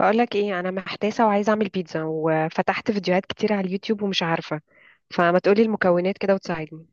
بقولك ايه، انا محتاسه وعايزه اعمل بيتزا وفتحت فيديوهات كتير على اليوتيوب ومش عارفه، فما تقولي المكونات كده وتساعدني.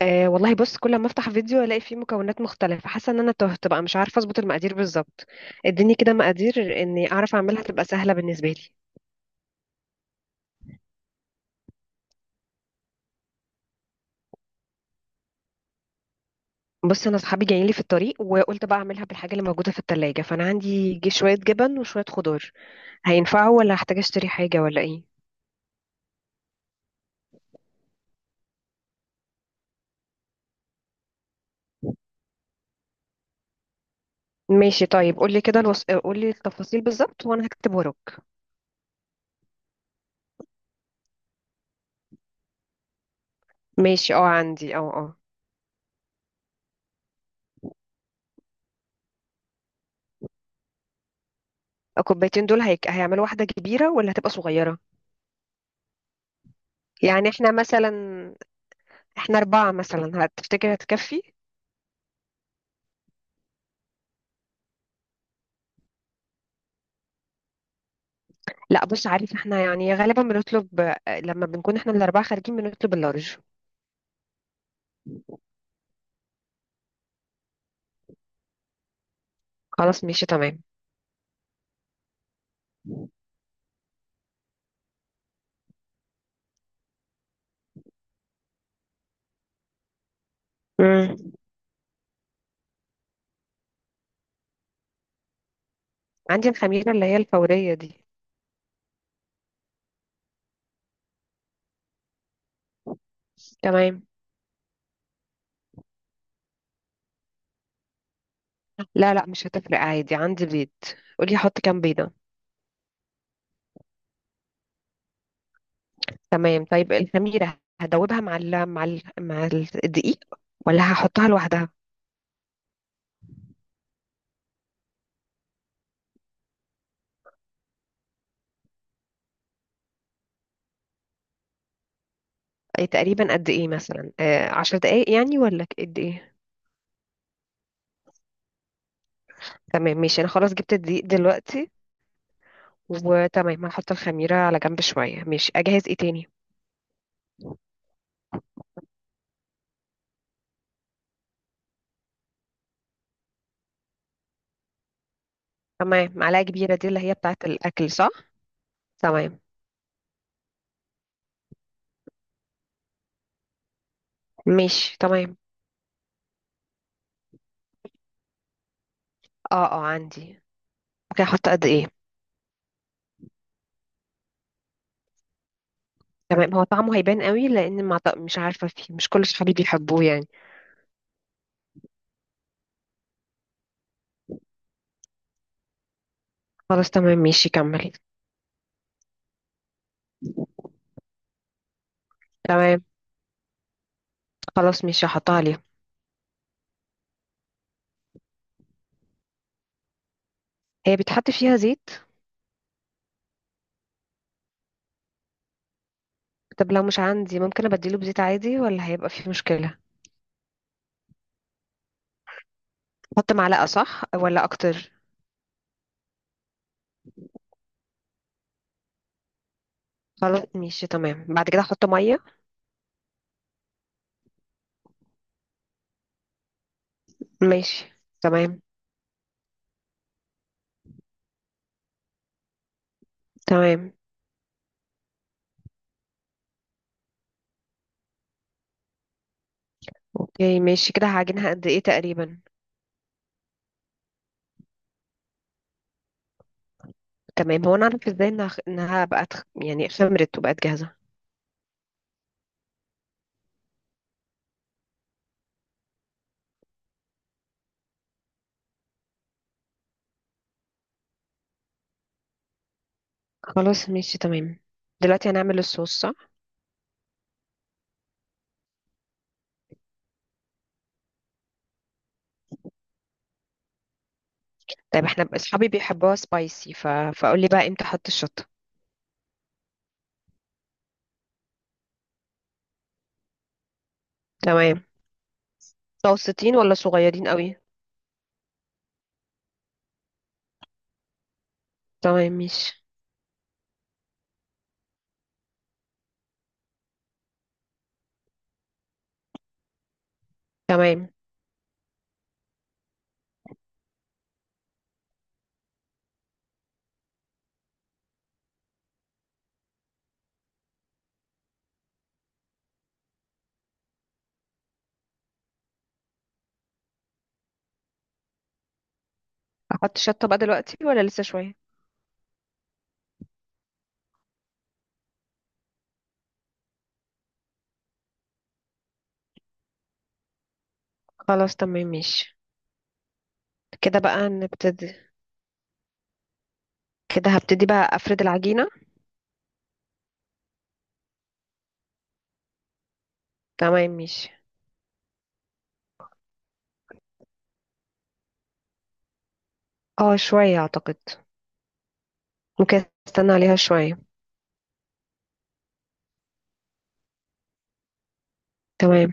أه والله بص، كل ما افتح فيديو الاقي فيه مكونات مختلفه، حاسه ان انا تهت بقى مش عارفه اظبط المقادير بالظبط. اديني كده مقادير اني اعرف اعملها تبقى سهله بالنسبه لي. بص انا اصحابي جايين لي في الطريق، وقلت بقى اعملها بالحاجه اللي موجوده في التلاجة، فانا عندي شويه جبن وشويه خضار، هينفعوا ولا هحتاج اشتري حاجه ولا ايه؟ ماشي. طيب قولي كده قولي التفاصيل بالظبط وانا هكتب وراك. ماشي اه، عندي اه اه. الكوبايتين دول هيك هيعملوا واحدة كبيرة ولا هتبقى صغيرة؟ يعني احنا مثلا. احنا أربعة مثلا، هتفتكر هتكفي؟ لا بص، عارف احنا يعني غالبا بنطلب، لما بنكون احنا الأربعة خارجين بنطلب اللارج. خلاص ماشي تمام. مم. عندي الخميرة اللي هي الفورية دي. تمام. لا لا، مش هتفرق، عادي عندي بيض. قولي حط كام بيضة. تمام. طيب الخميرة هدوبها مع الدقيق ولا هحطها لوحدها؟ أي تقريبا قد ايه مثلا، 10 دقايق يعني ولا قد ايه؟ تمام ماشي، انا خلاص جبت الدقيق دلوقتي، وتمام هحط الخميرة على جنب شوية. ماشي، اجهز ايه تاني؟ تمام، معلقة كبيرة دي اللي هي بتاعة الاكل، صح؟ تمام. ماشي تمام. اه اه عندي. اوكي هحط قد ايه؟ تمام. هو طعمه هيبان قوي لان ما مش عارفة، فيه مش كل صحابي بيحبوه يعني. خلاص تمام ماشي، كملي. تمام. خلاص ماشي هحطها عليها. هي بيتحط فيها زيت؟ طب لو مش عندي ممكن ابدله بزيت عادي ولا هيبقى فيه مشكلة؟ احط معلقة صح ولا اكتر؟ خلاص ماشي تمام، بعد كده احط مية. ماشي تمام. تمام. اوكي ماشي، كده هعجنها قد ايه تقريبا؟ تمام. هو انا اعرف ازاي انها يعني خمرت وبقت جاهزة؟ خلاص ماشي تمام. دلوقتي هنعمل الصوص، صح؟ طيب اصحابي بيحبوها سبايسي ف... فقولي بقى امتى احط الشطة. تمام. متوسطين ولا صغيرين قوي؟ تمام ماشي. تمام. احط شطة بقى دلوقتي ولا لسه شوية؟ خلاص تمام ماشي. كده بقى نبتدي. كده هبتدي بقى افرد العجينة. تمام ماشي. اه شوية اعتقد. ممكن استنى عليها شوية. تمام.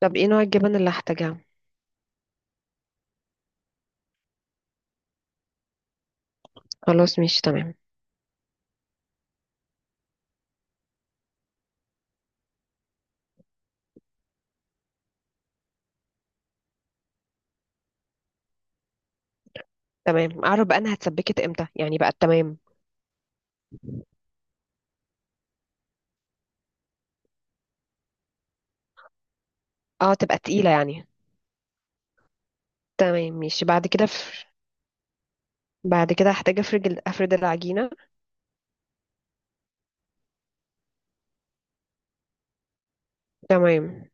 طب ايه نوع الجبن اللي هحتاجها؟ خلاص مش تمام. تمام، اعرف بقى انا هتسبكت امتى يعني بقى؟ تمام. اه تبقى تقيلة يعني. تمام، مش بعد كده في... بعد كده هحتاج افرد افرد العجينة. تمام.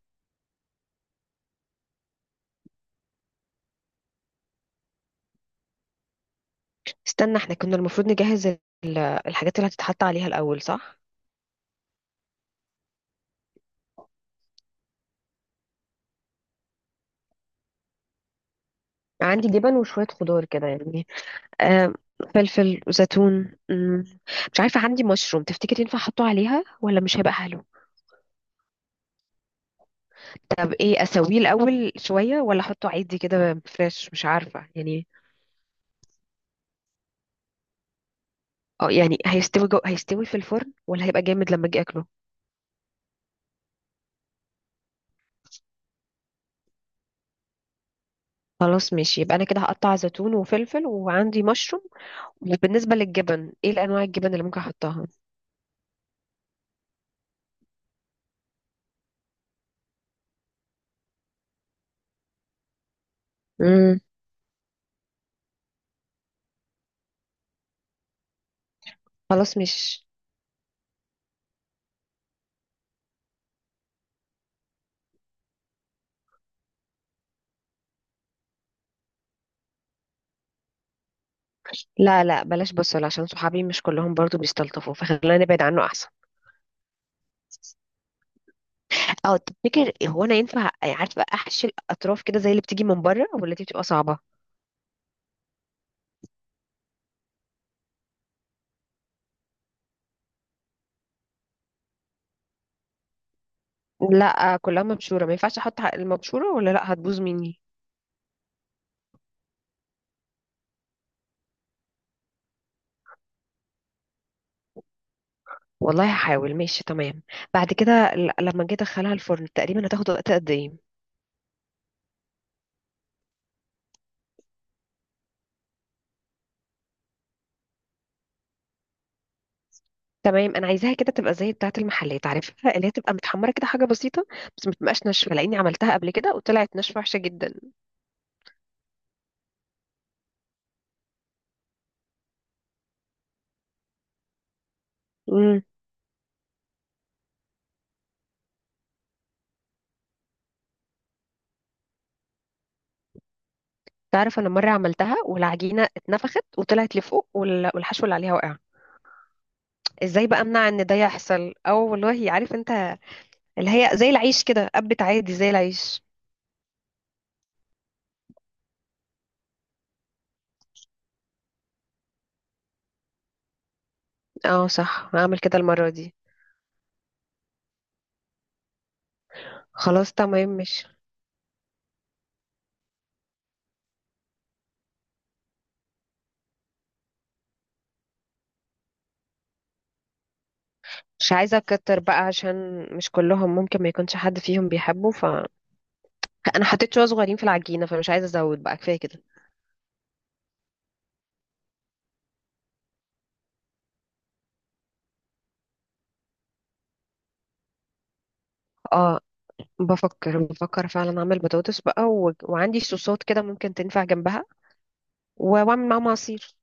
استنى، احنا كنا المفروض نجهز الحاجات اللي هتتحط عليها الاول، صح؟ عندي جبن وشوية خضار كده يعني. آم، فلفل وزيتون. مش عارفة، عندي مشروم، تفتكر ينفع احطه عليها ولا مش هيبقى حلو؟ طب ايه، اسويه الاول شوية ولا احطه عادي كده فريش، مش عارفة يعني. اه يعني هيستوي هيستوي في الفرن ولا هيبقى جامد لما اجي اكله؟ خلاص ماشي، يبقى انا كده هقطع زيتون وفلفل، وعندي مشروم. بالنسبه للجبن، ايه الانواع الجبن اللي ممكن احطها؟ امم خلاص مش لا لا، بلاش بصل، عشان صحابي مش كلهم برضو بيستلطفوا، فخلينا نبعد عنه احسن. اه تفتكر هو انا ينفع عارفه احشي الاطراف كده زي اللي بتيجي من بره، ولا دي بتبقى صعبه؟ لا كلها مبشوره، ما ينفعش احط المبشوره ولا لا هتبوظ مني؟ والله هحاول، ماشي تمام. بعد كده لما جيت ادخلها الفرن تقريبا هتاخد وقت قد ايه؟ تمام، انا عايزاها كده تبقى زي بتاعه المحلات، عارفها اللي هي تبقى متحمره كده حاجه بسيطه، بس ما تبقاش ناشفه، لاني عملتها قبل كده وطلعت ناشفه وحشه جدا. امم تعرف انا مره عملتها والعجينه اتنفخت وطلعت لفوق، والحشو اللي عليها وقع. ازاي بقى امنع ان ده يحصل؟ او والله عارف انت، اللي هي زي العيش كده، قبت عادي زي العيش. اه صح، هعمل كده المره دي. خلاص تمام مش مش عايزه اكتر بقى، عشان مش كلهم ممكن، ما يكونش حد فيهم بيحبه، فانا حطيت شويه صغيرين في العجينه، فمش عايزه ازود بقى، كفايه كده. اه، بفكر فعلا اعمل بطاطس بقى و... وعندي صوصات كده ممكن تنفع جنبها، واعمل معاهم عصير.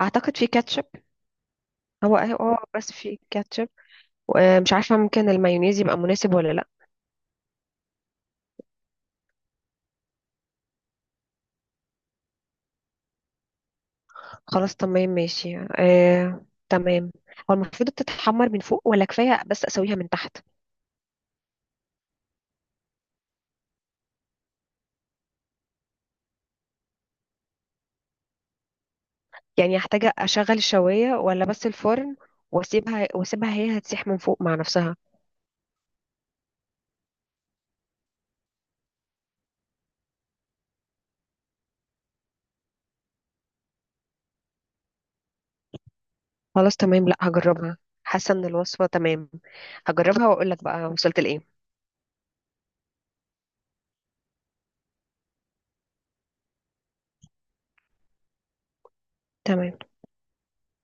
اعتقد في كاتشب. هو اه، بس في كاتشب. مش عارفه، ممكن المايونيز يبقى مناسب ولا لا؟ خلاص تمام ماشي، تمام. هو المفروض تتحمر من فوق، ولا كفايه بس اسويها من تحت؟ يعني هحتاج اشغل الشوايه ولا بس الفرن؟ واسيبها هي هتسيح من فوق مع نفسها؟ خلاص تمام، لا هجربها. حاسه ان الوصفه تمام. هجربها واقول لك بقى وصلت لايه. تمام.